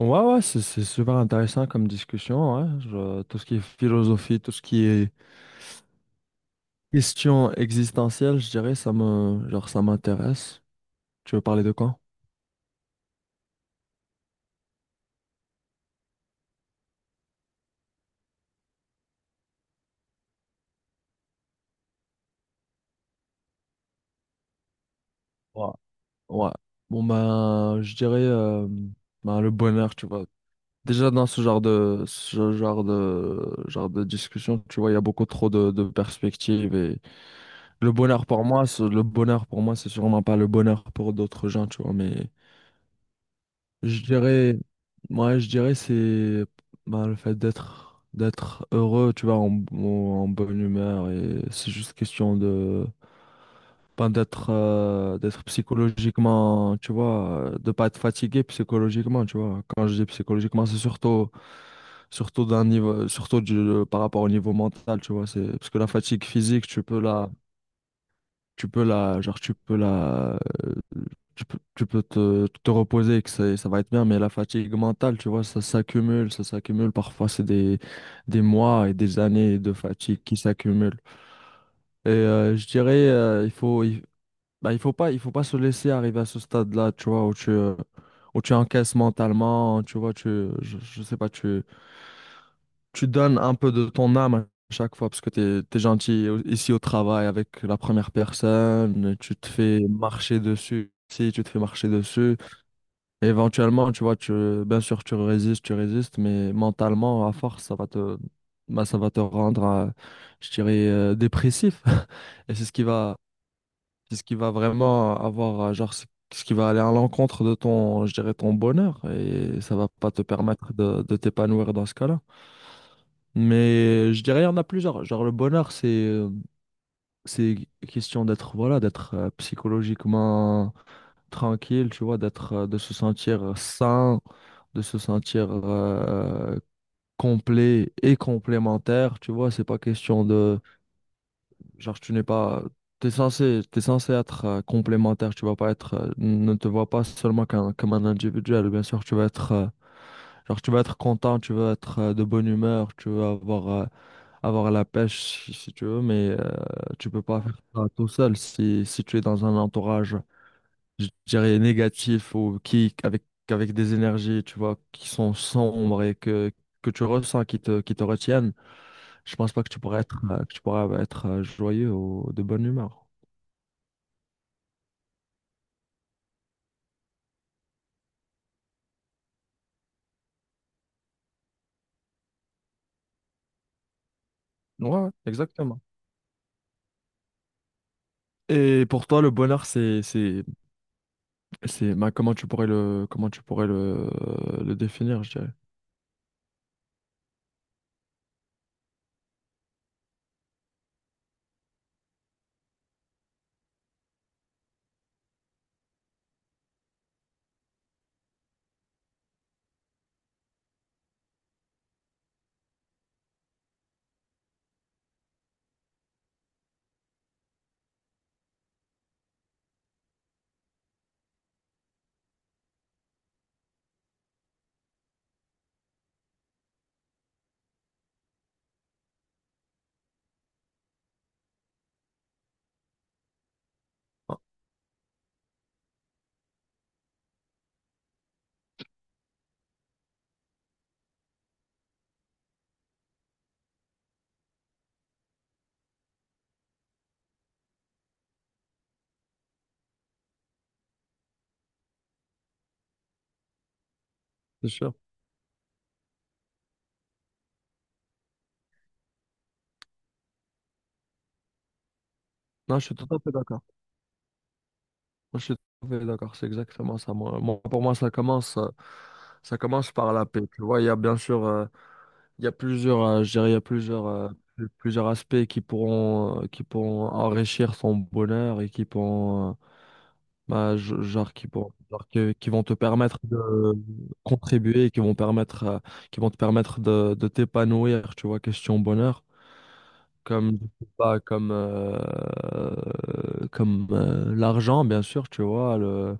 Ouais, ouais, c'est super intéressant comme discussion. Ouais. Je- tout ce qui est philosophie, tout ce qui est question existentielle, je dirais, ça me, genre, ça m'intéresse. Tu veux parler de quoi? Ouais. Ouais. Bon, ben, je dirais ben, le bonheur, tu vois. Déjà, dans genre de discussion, tu vois, il y a beaucoup trop de perspectives. Et le bonheur pour moi, c'est sûrement pas le bonheur pour d'autres gens, tu vois, mais. Je dirais, moi, je dirais c'est bah, le fait d'être heureux, tu vois, en bonne humeur, et c'est juste question de ben, d'être psychologiquement, tu vois, de pas être fatigué psychologiquement, tu vois. Quand je dis psychologiquement, c'est surtout d'un niveau surtout du, par rapport au niveau mental, tu vois, c'est parce que la fatigue physique, tu tu peux la, euh, tu tu peux te, te reposer et que ça va être bien, mais la fatigue mentale, tu vois, ça s'accumule. Parfois, c'est des mois et des années de fatigue qui s'accumulent. Et je dirais, bah, il faut pas se laisser arriver à ce stade-là, tu vois, où où tu encaisses mentalement, tu vois, je sais pas, tu donnes un peu de ton âme à chaque fois parce que t'es gentil ici au travail avec la première personne, tu te fais marcher dessus. Si tu te fais marcher dessus, éventuellement, tu vois, tu, bien sûr, tu résistes, mais mentalement, à force, bah, ça va te rendre, je dirais, dépressif. Et c'est ce qui va vraiment avoir, ce qui va aller à l'encontre de ton, je dirais, ton bonheur. Et ça va pas te permettre de t'épanouir dans ce cas-là. Mais je dirais, il y en a plusieurs. Genre, le bonheur, c'est question d'être voilà, d'être psychologiquement tranquille, tu vois, d'être de se sentir sain, de se sentir complet et complémentaire, tu vois, c'est pas question de genre tu n'es pas t'es censé être complémentaire, tu vas pas être ne te vois pas seulement qu'un comme un individuel, bien sûr, tu vas être genre tu vas être content, tu vas être de bonne humeur, tu vas avoir avoir la pêche si, si tu veux, mais tu peux pas faire ça tout seul si, si tu es dans un entourage, je dirais négatif ou qui avec avec des énergies, tu vois, qui sont sombres et que tu ressens qui te retiennent, je pense pas que tu pourrais être joyeux ou de bonne humeur. Ouais, ouais, exactement. Et pour toi, le bonheur, c'est bah, comment tu pourrais le définir, je dirais. C'est sûr. Non, je suis tout à fait d'accord. Je suis tout à fait d'accord, c'est exactement ça. Moi, pour moi, ça commence par la paix. Tu vois, il y a bien sûr, il y a plusieurs, je dirais, il y a plusieurs, plusieurs aspects qui pourront enrichir son bonheur et qui pourront, qui vont te permettre de contribuer, et qui vont permettre, qui vont te permettre de t'épanouir. Tu vois, question bonheur, comme, je sais pas, comme l'argent, bien sûr. Tu vois le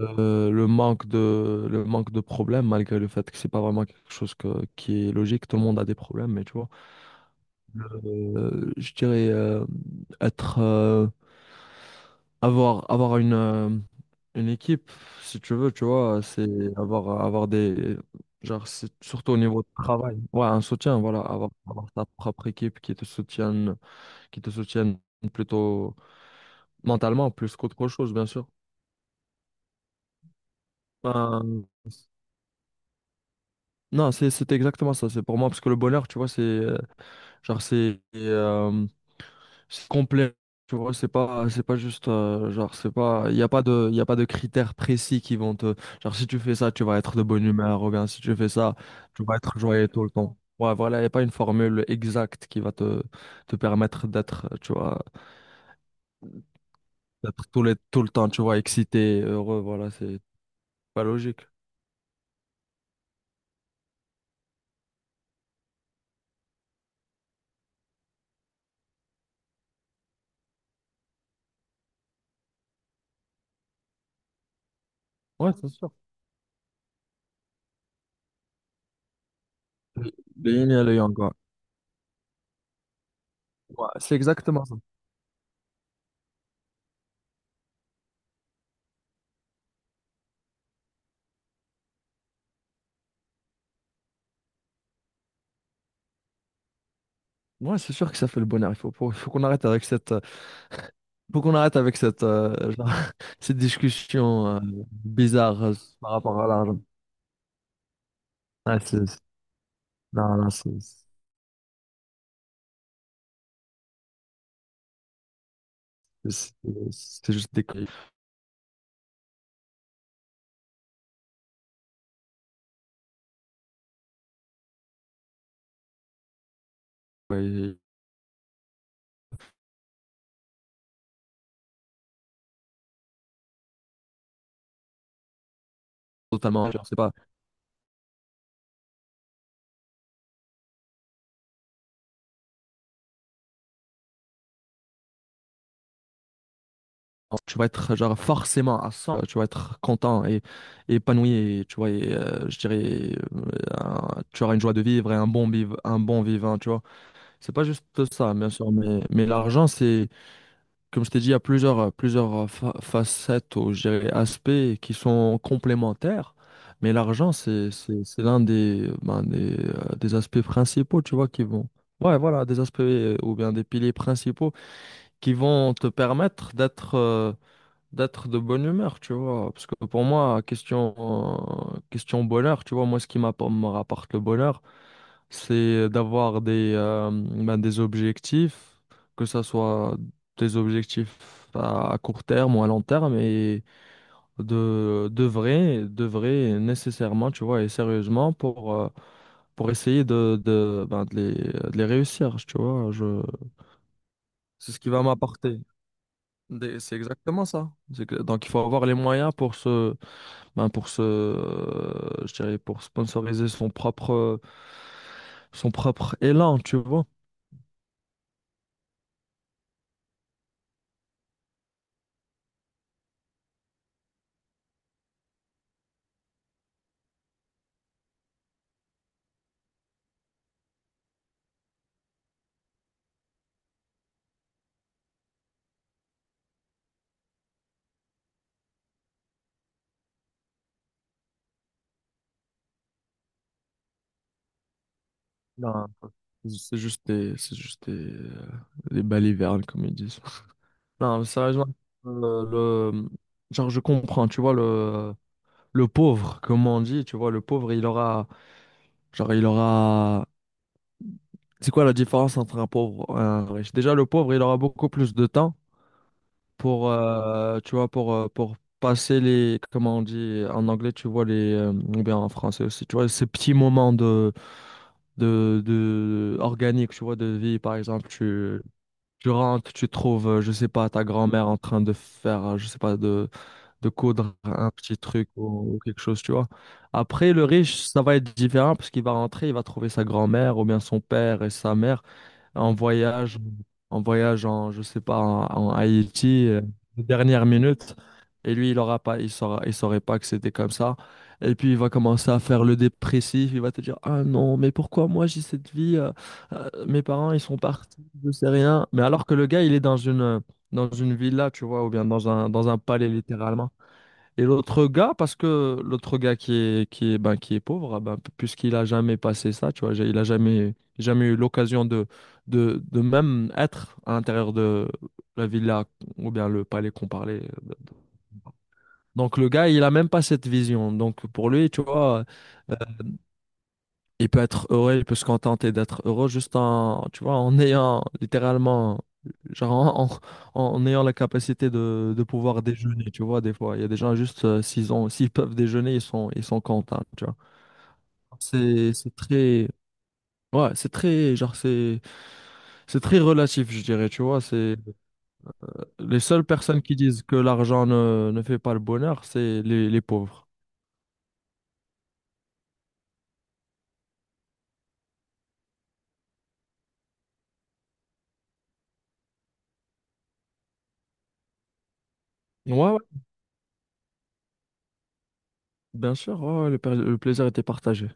euh, le le manque de problèmes, malgré le fait que c'est pas vraiment quelque chose qui est logique. Tout le monde a des problèmes, mais tu vois. Je dirais être, euh, avoir, une équipe, si tu veux, tu vois, c'est avoir, avoir des, genre, c'est surtout au niveau de travail. Ouais, un soutien, voilà, avoir, avoir ta propre équipe qui te soutienne plutôt mentalement, plus qu'autre chose, bien sûr. Euh, Non, c'est exactement ça. C'est pour moi parce que le bonheur, tu vois, genre c'est euh, c'est complet. Tu vois, c'est pas juste genre c'est pas il y a pas de critères précis qui vont te genre si tu fais ça, tu vas être de bonne humeur ou bien si tu fais ça, tu vas être joyeux tout le temps. Ouais, voilà, il n'y a pas une formule exacte qui va te te permettre d'être tu vois d'être tout le temps, tu vois, excité, heureux, voilà, c'est pas logique. Ouais, c'est sûr. Le le yin et le yang, quoi. Ouais, c'est exactement ça. Ouais, c'est sûr que ça fait le bonheur. Il faut, faut qu'on arrête avec cette, faut qu'on arrête avec cette, cette discussion bizarre par rapport à l'argent. Ouais, c'est, c'est- non, non, c'est- c'est juste des conneries. Ouais, totalement, genre, c'est pas, tu vas être genre forcément à 100, tu vas être content et épanoui, et, tu vois, et, je dirais, tu auras une joie de vivre et un bon vivant, tu vois. C'est pas juste ça, bien sûr, mais l'argent, c'est. Comme je t'ai dit, il y a plusieurs, plusieurs facettes ou je dirais, aspects qui sont complémentaires, mais l'argent, c'est l'un des, ben, des aspects principaux, tu vois, qui vont... Ouais, voilà, des aspects ou bien des piliers principaux qui vont te permettre d'être d'être de bonne humeur, tu vois. Parce que pour moi, question bonheur, tu vois, moi, me rapporte le bonheur, c'est d'avoir des, ben, des objectifs, que ça soit des objectifs à court terme ou à long terme, et de, de vrai nécessairement, tu vois, et sérieusement pour essayer de, ben, de les réussir, tu vois. C'est ce qui va m'apporter. C'est exactement ça. Donc il faut avoir les moyens pour se, ben, pour se, je dirais, pour sponsoriser son propre élan, tu vois. Non, c'est juste des, des balivernes, comme ils disent. Non, mais sérieusement, euh, le, genre, je comprends, tu vois, le pauvre, comme on dit, tu vois, le pauvre, il aura, genre, il aura, c'est quoi la différence entre un pauvre et un riche? Déjà, le pauvre, il aura beaucoup plus de temps pour, tu vois, pour passer les, comment on dit, en anglais, tu vois, ou bien en français aussi, tu vois, ces petits moments de, organique, tu vois, de vie, par exemple, tu rentres, tu trouves, je sais pas, ta grand-mère en train de faire, je sais pas, de coudre un petit truc ou quelque chose, tu vois. Après, le riche, ça va être différent parce qu'il va rentrer, il va trouver sa grand-mère ou bien son père et sa mère en voyage, en voyage en, je sais pas, en, en Haïti, de dernière minute. Et lui, il aura pas, il saurait pas que c'était comme ça. Et puis, il va commencer à faire le dépressif. Il va te dire, Ah non, mais pourquoi moi j'ai cette vie? Mes parents, ils sont partis, je sais rien. Mais alors que le gars, il est dans une villa, tu vois, ou bien dans un palais, littéralement. Et l'autre gars, parce que l'autre gars qui est, ben, qui est pauvre, ah ben, puisqu'il a jamais passé ça, tu vois, j'ai- il a jamais, jamais eu l'occasion de, de même être à l'intérieur de la villa ou bien le palais qu'on parlait. Donc le gars, il a même pas cette vision. Donc pour lui, tu vois, il peut être heureux, il peut se contenter d'être heureux juste en, tu vois, en ayant littéralement, genre en, en ayant la capacité de pouvoir déjeuner, tu vois, des fois. Il y a des gens juste, s'ils ont, s'ils peuvent déjeuner, ils sont contents, tu vois. C'est, c'est très, ouais, c'est très, genre, c'est très relatif, je dirais, tu vois. C'est les seules personnes qui disent que l'argent ne fait pas le bonheur, c'est les pauvres. Ouais, ouais, bien sûr, ouais, ouais, le plaisir était partagé.